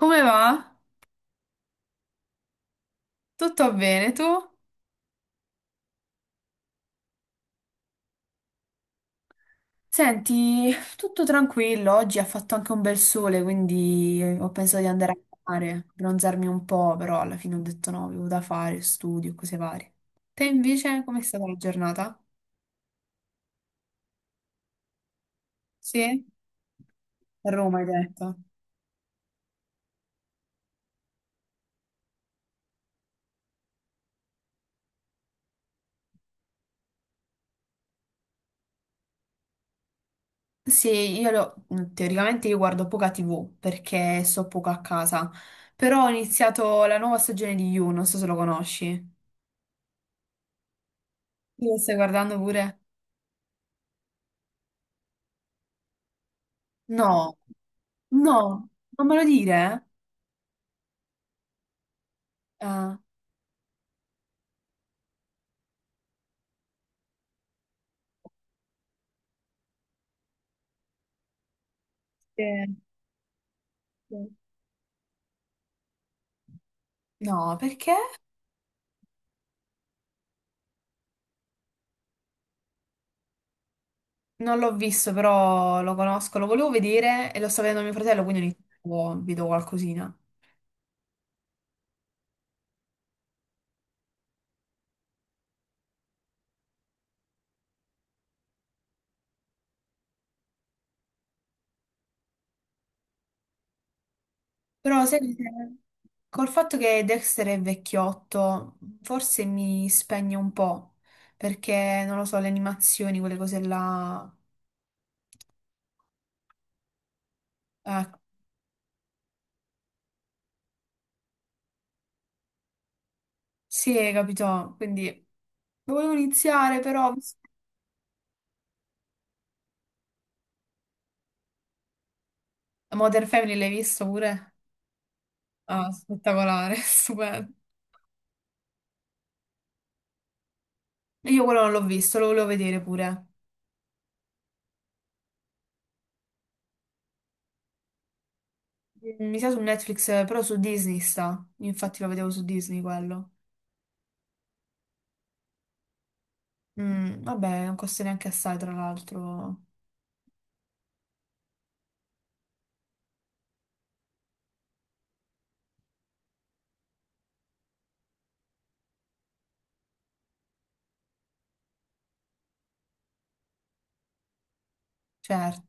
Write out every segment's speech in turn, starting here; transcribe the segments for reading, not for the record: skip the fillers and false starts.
Come va? Tutto bene, tu? Senti, tutto tranquillo, oggi ha fatto anche un bel sole, quindi ho pensato di andare a mare, bronzarmi un po', però alla fine ho detto no, avevo da fare, studio, cose varie. Te invece, com'è stata la giornata? Sì? A Roma, hai detto. Sì, teoricamente io guardo poca TV perché sto poco a casa, però ho iniziato la nuova stagione di You, non so se lo conosci. Tu lo stai guardando pure? No. No, non me lo dire? Ah, eh, sì. No, perché? Non l'ho visto, però lo conosco, lo volevo vedere e lo sta vedendo mio fratello, quindi ogni tanto vedo qualcosina. Però sai, col fatto che Dexter è vecchiotto, forse mi spegne un po', perché non lo so, le animazioni, quelle cose là. Eh, sì, capito? Quindi lo volevo iniziare, però... Modern Family l'hai visto pure? Ah, spettacolare, stupendo. Io quello non l'ho visto, lo volevo vedere pure. Mm, mi sa su Netflix, però su Disney sta. Infatti lo vedevo su Disney quello. Mm, vabbè, non costa neanche assai, tra l'altro. Certo.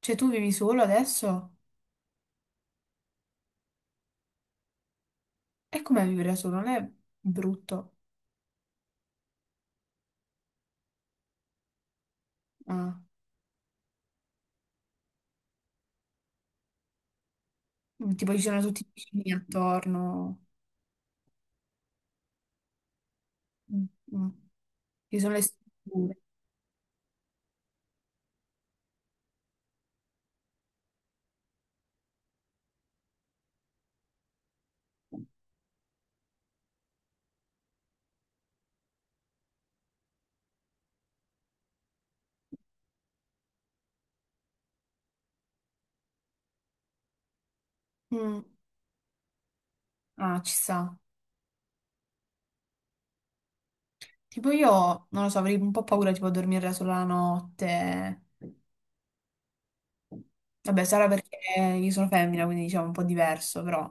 Cioè, tu vivi solo adesso? E com'è vivere da solo? Non è brutto? Ah. Mm, tipo, ci sono tutti i vicini attorno. Mm, mm. Ci sono le strutture. Mm. Ah, ci sta. Tipo io, non lo so, avrei un po' paura tipo a dormire da sola la notte. Vabbè, sarà perché io sono femmina, quindi diciamo un po' diverso, però.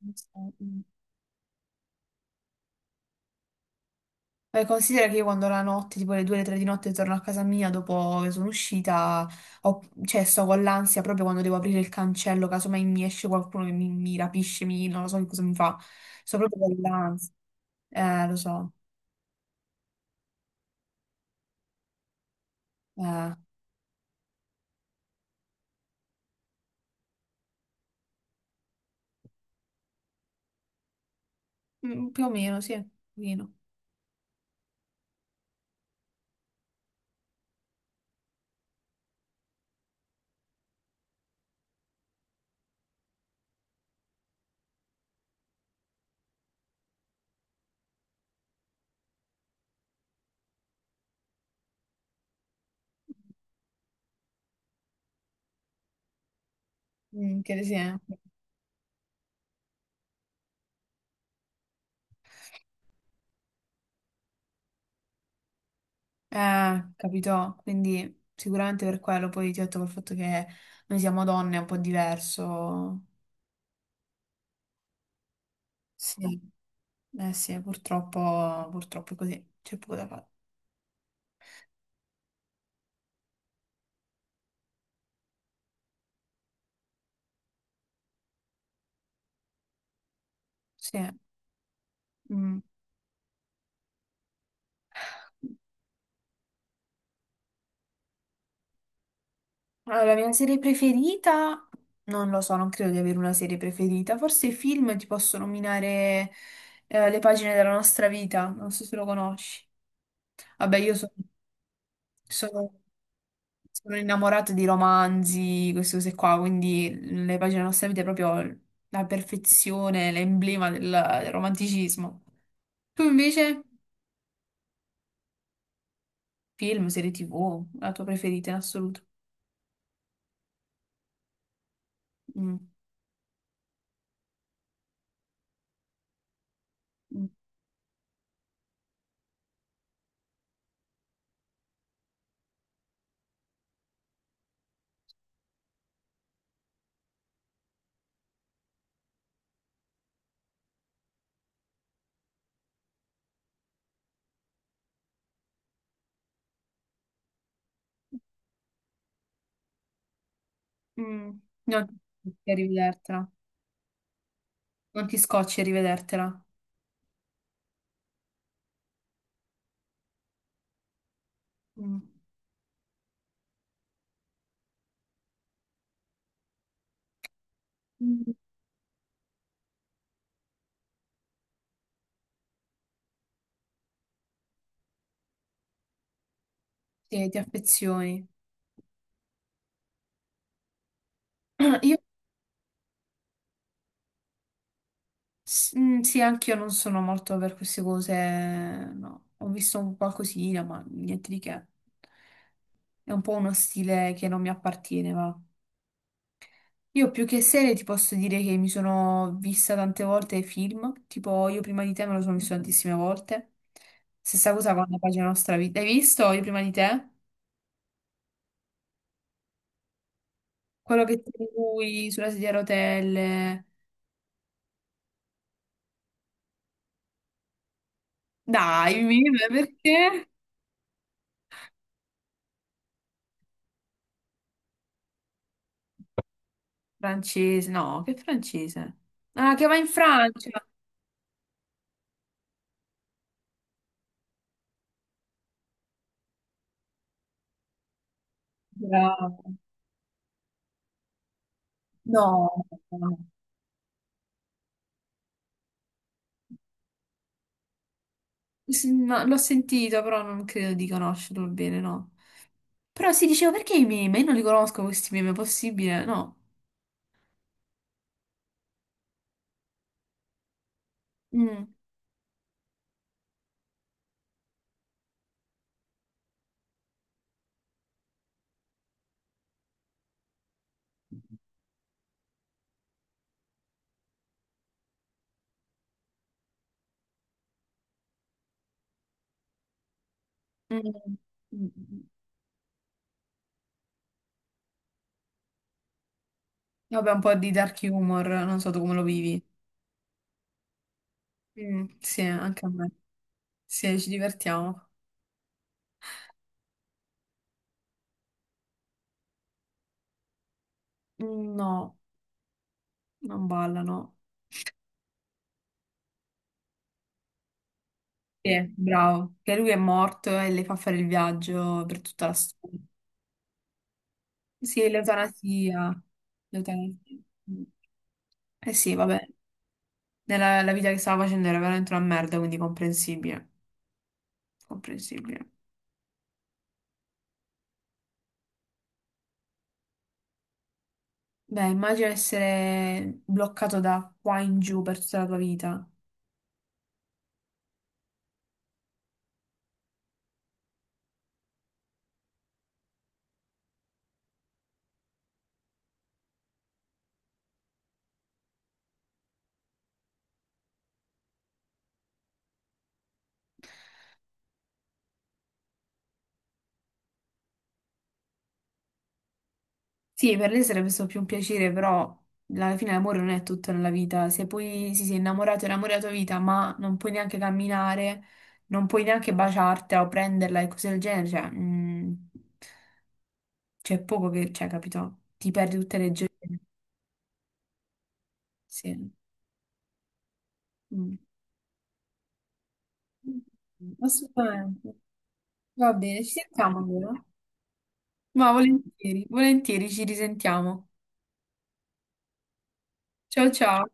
Non so. Beh, considera che io quando la notte, tipo le 2 le 3 di notte, torno a casa mia dopo che sono uscita, cioè sto con l'ansia proprio quando devo aprire il cancello, casomai mi esce qualcuno che mi rapisce, non lo so che cosa mi fa. Sto proprio con l'ansia. Lo so. Eh, mm, più o meno, sì, un pochino. Mm, che sì, eh. Capito? Quindi sicuramente per quello, poi ti ho detto col fatto che noi siamo donne è un po' diverso. Sì, eh sì, purtroppo, purtroppo è così, c'è poco da fare. Sì. Mm. Allora, la mia serie preferita, non lo so, non credo di avere una serie preferita. Forse i film ti posso nominare le pagine della nostra vita, non so se lo conosci. Vabbè, io so- sono, sono innamorata di romanzi, queste cose qua, quindi le pagine nostalgiche è proprio la perfezione, l'emblema del romanticismo. Tu invece, film, serie TV, la tua preferita in assoluto. Mm, mm, mm. Non ti scocci a rivedertela. Non ti scocci a rivedertela. Mm. Mm. Sì, ti affezioni. Io sì, anche io non sono molto per queste cose, no. Ho visto un qualcosina, ma niente di che. È un po' uno stile che non mi appartiene, va. Io più che serie ti posso dire che mi sono vista tante volte film, tipo io prima di te me lo sono visto tantissime volte. Stessa cosa con la pagina nostra vita. Hai visto io prima di te? Quello che c'è lui sulla sedia a rotelle. Dai, mi- perché? Francese, no, che francese? Ah, che va in Francia. Bravo. No, no. No, l'ho sentito, però non credo di conoscerlo bene, no. Però si diceva perché i meme? Io non li conosco questi meme, è possibile? No. Mm, mm, mm. Mm, mm. Vabbè, un po' di dark humor, non so tu come lo vivi. Mm, sì, anche a me. Sì, ci divertiamo. Mm, no, non ballano. Sì, bravo. Che lui è morto e le fa fare il viaggio per tutta la storia. Sì, l'eutanasia. L'eutanasia. Mm. Eh sì, vabbè. Nella la vita che stava facendo era veramente una merda, quindi comprensibile. Comprensibile. Beh, immagino essere bloccato da qua in giù per tutta la tua vita. Sì, per lei sarebbe stato più un piacere, però alla fine l'amore non è tutto nella vita. Se poi si sei innamorato, è l'amore della tua vita, ma non puoi neanche camminare, non puoi neanche baciartela o prenderla e cose del genere, cioè, mm, c'è poco che, cioè, capito? Ti perdi tutte le gioie. Sì. Mm. Assolutamente. Va bene, ci sentiamo allora. Ma volentieri, volentieri ci risentiamo. Ciao ciao.